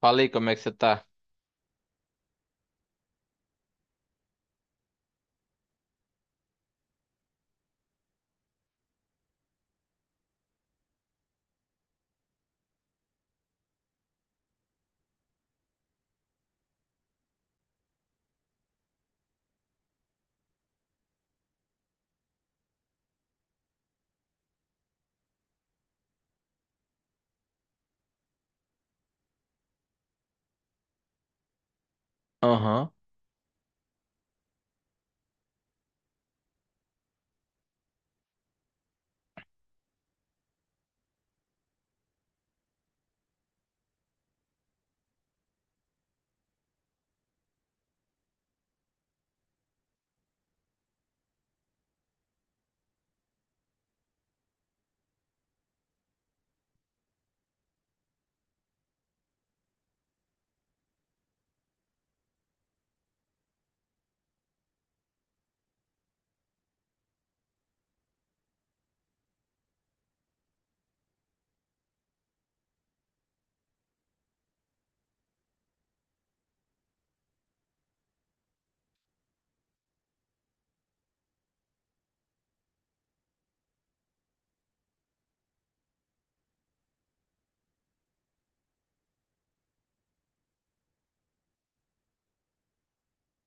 Falei, como é que você tá? Aham,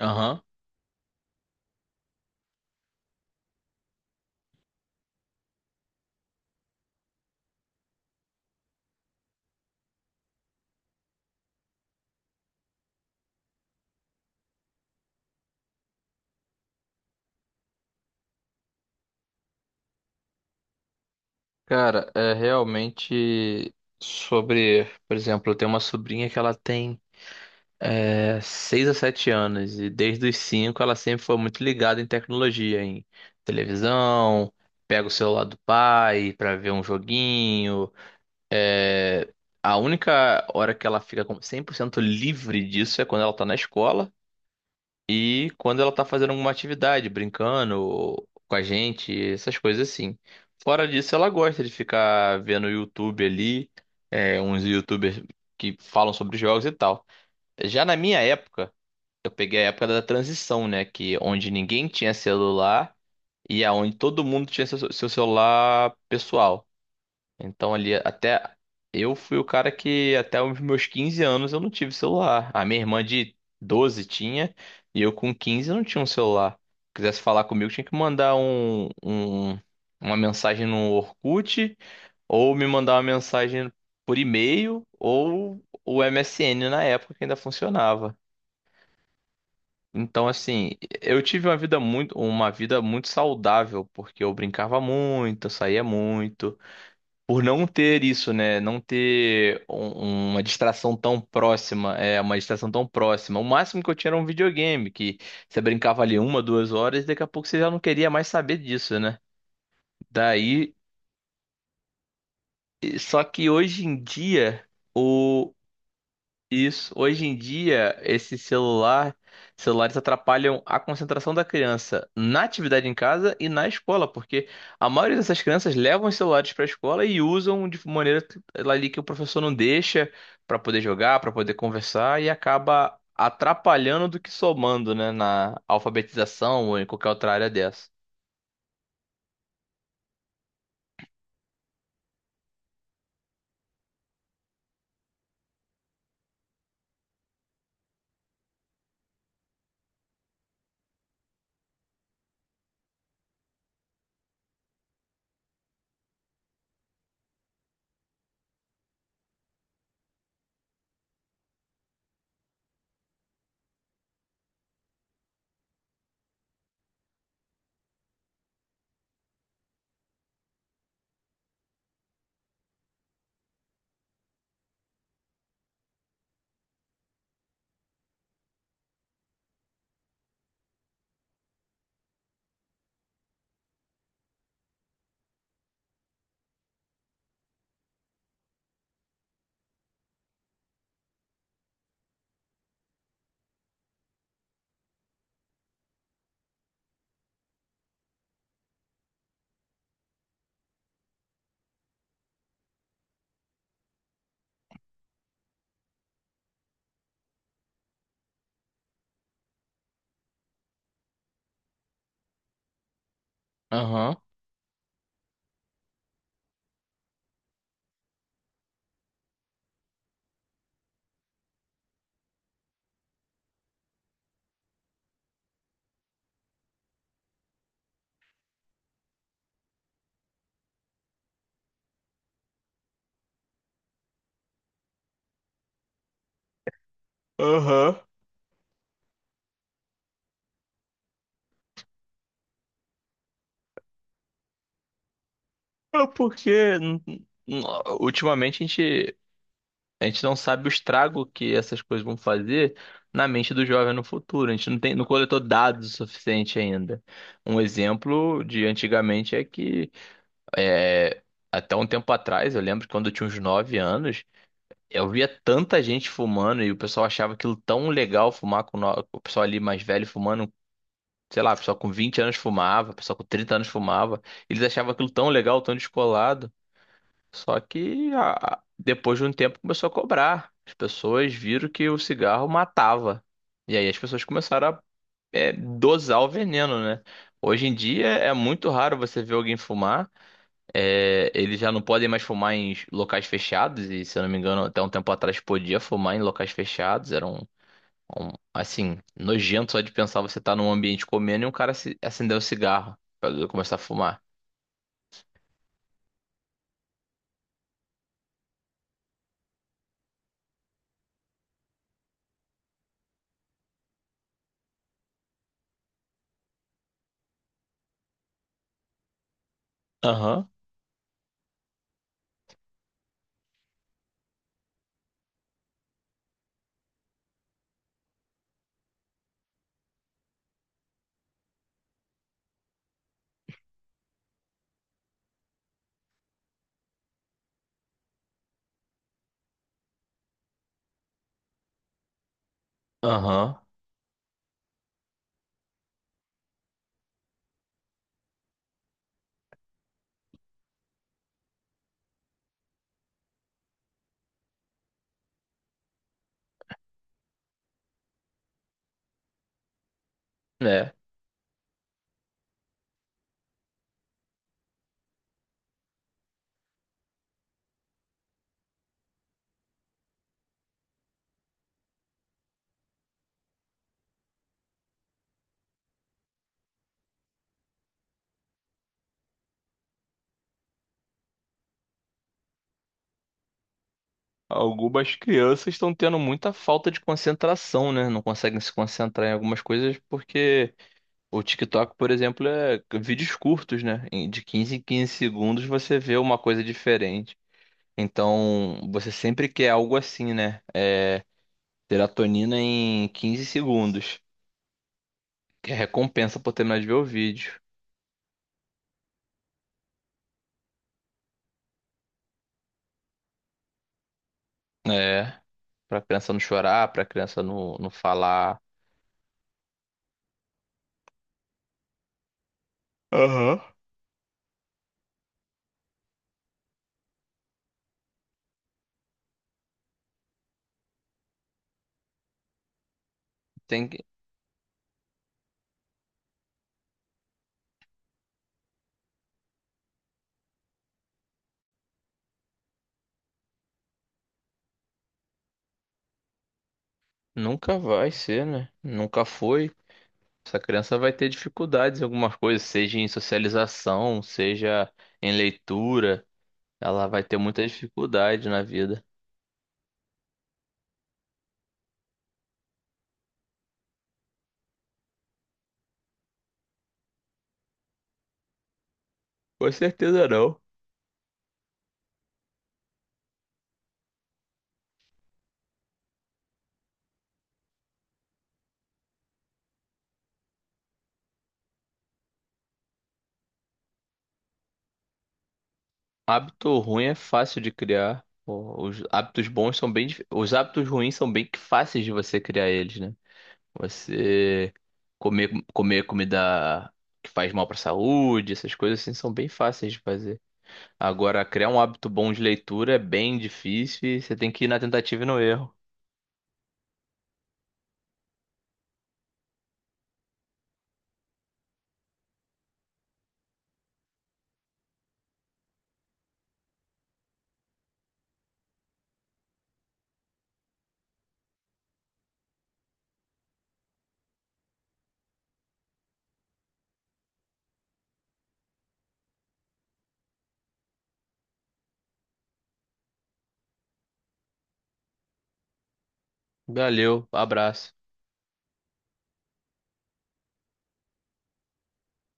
aham. Cara, é realmente sobre, por exemplo, eu tenho uma sobrinha que ela tem 6 a 7 anos, e desde os 5 ela sempre foi muito ligada em tecnologia, em televisão, pega o celular do pai pra ver um joguinho. É, a única hora que ela fica 100% livre disso é quando ela tá na escola. E quando ela tá fazendo alguma atividade, brincando com a gente, essas coisas assim. Fora disso, ela gosta de ficar vendo YouTube ali, uns YouTubers que falam sobre jogos e tal. Já na minha época, eu peguei a época da transição, né? Que onde ninguém tinha celular e aonde todo mundo tinha seu celular pessoal. Então ali até eu fui o cara que, até os meus 15 anos, eu não tive celular. A minha irmã de 12 tinha e eu com 15 não tinha um celular. Se quisesse falar comigo, tinha que mandar uma mensagem no Orkut, ou me mandar uma mensagem por e-mail, ou o MSN na época que ainda funcionava. Então assim, eu tive uma vida muito saudável, porque eu brincava muito, eu saía muito. Por não ter isso, né? Não ter uma distração tão próxima, uma distração tão próxima. O máximo que eu tinha era um videogame, que você brincava ali uma, duas horas, e daqui a pouco você já não queria mais saber disso, né? Daí, só que hoje em dia... Isso. Hoje em dia, esse celular, celulares atrapalham a concentração da criança na atividade em casa e na escola, porque a maioria dessas crianças levam os celulares para a escola e usam de ali que o professor não deixa, para poder jogar, para poder conversar, e acaba atrapalhando do que somando, né, na alfabetização ou em qualquer outra área dessa. Aham. Aham. É porque n- n- ultimamente a gente não sabe o estrago que essas coisas vão fazer na mente do jovem no futuro. A gente não tem, não coletou dados o suficiente ainda. Um exemplo de antigamente é que é, até um tempo atrás, eu lembro que quando eu tinha uns 9 anos, eu via tanta gente fumando e o pessoal achava aquilo tão legal, fumar com no- o pessoal ali mais velho fumando. Sei lá, o pessoal com 20 anos fumava, o pessoal com 30 anos fumava. Eles achavam aquilo tão legal, tão descolado. Só que depois de um tempo começou a cobrar. As pessoas viram que o cigarro matava. E aí as pessoas começaram a dosar o veneno, né? Hoje em dia é muito raro você ver alguém fumar. É, eles já não podem mais fumar em locais fechados. E se eu não me engano, até um tempo atrás podia fumar em locais fechados. Era assim, nojento só de pensar, você tá num ambiente comendo e um cara se, acender o cigarro pra começar a fumar. Aham, aham. Né? Algumas crianças estão tendo muita falta de concentração, né? Não conseguem se concentrar em algumas coisas porque o TikTok, por exemplo, é vídeos curtos, né? De 15 em 15 segundos você vê uma coisa diferente. Então, você sempre quer algo assim, né? É, serotonina em 15 segundos, que é recompensa por terminar de ver o vídeo. É, pra criança não chorar, pra criança não falar. Aham. Tem que... Nunca vai ser, né? Nunca foi. Essa criança vai ter dificuldades em algumas coisas, seja em socialização, seja em leitura. Ela vai ter muita dificuldade na vida. Com certeza não. Hábito ruim é fácil de criar. Os hábitos ruins são bem que fáceis de você criar eles, né? Você comer, comer comida que faz mal para a saúde, essas coisas assim são bem fáceis de fazer. Agora, criar um hábito bom de leitura é bem difícil, e você tem que ir na tentativa e no erro. Valeu, abraço.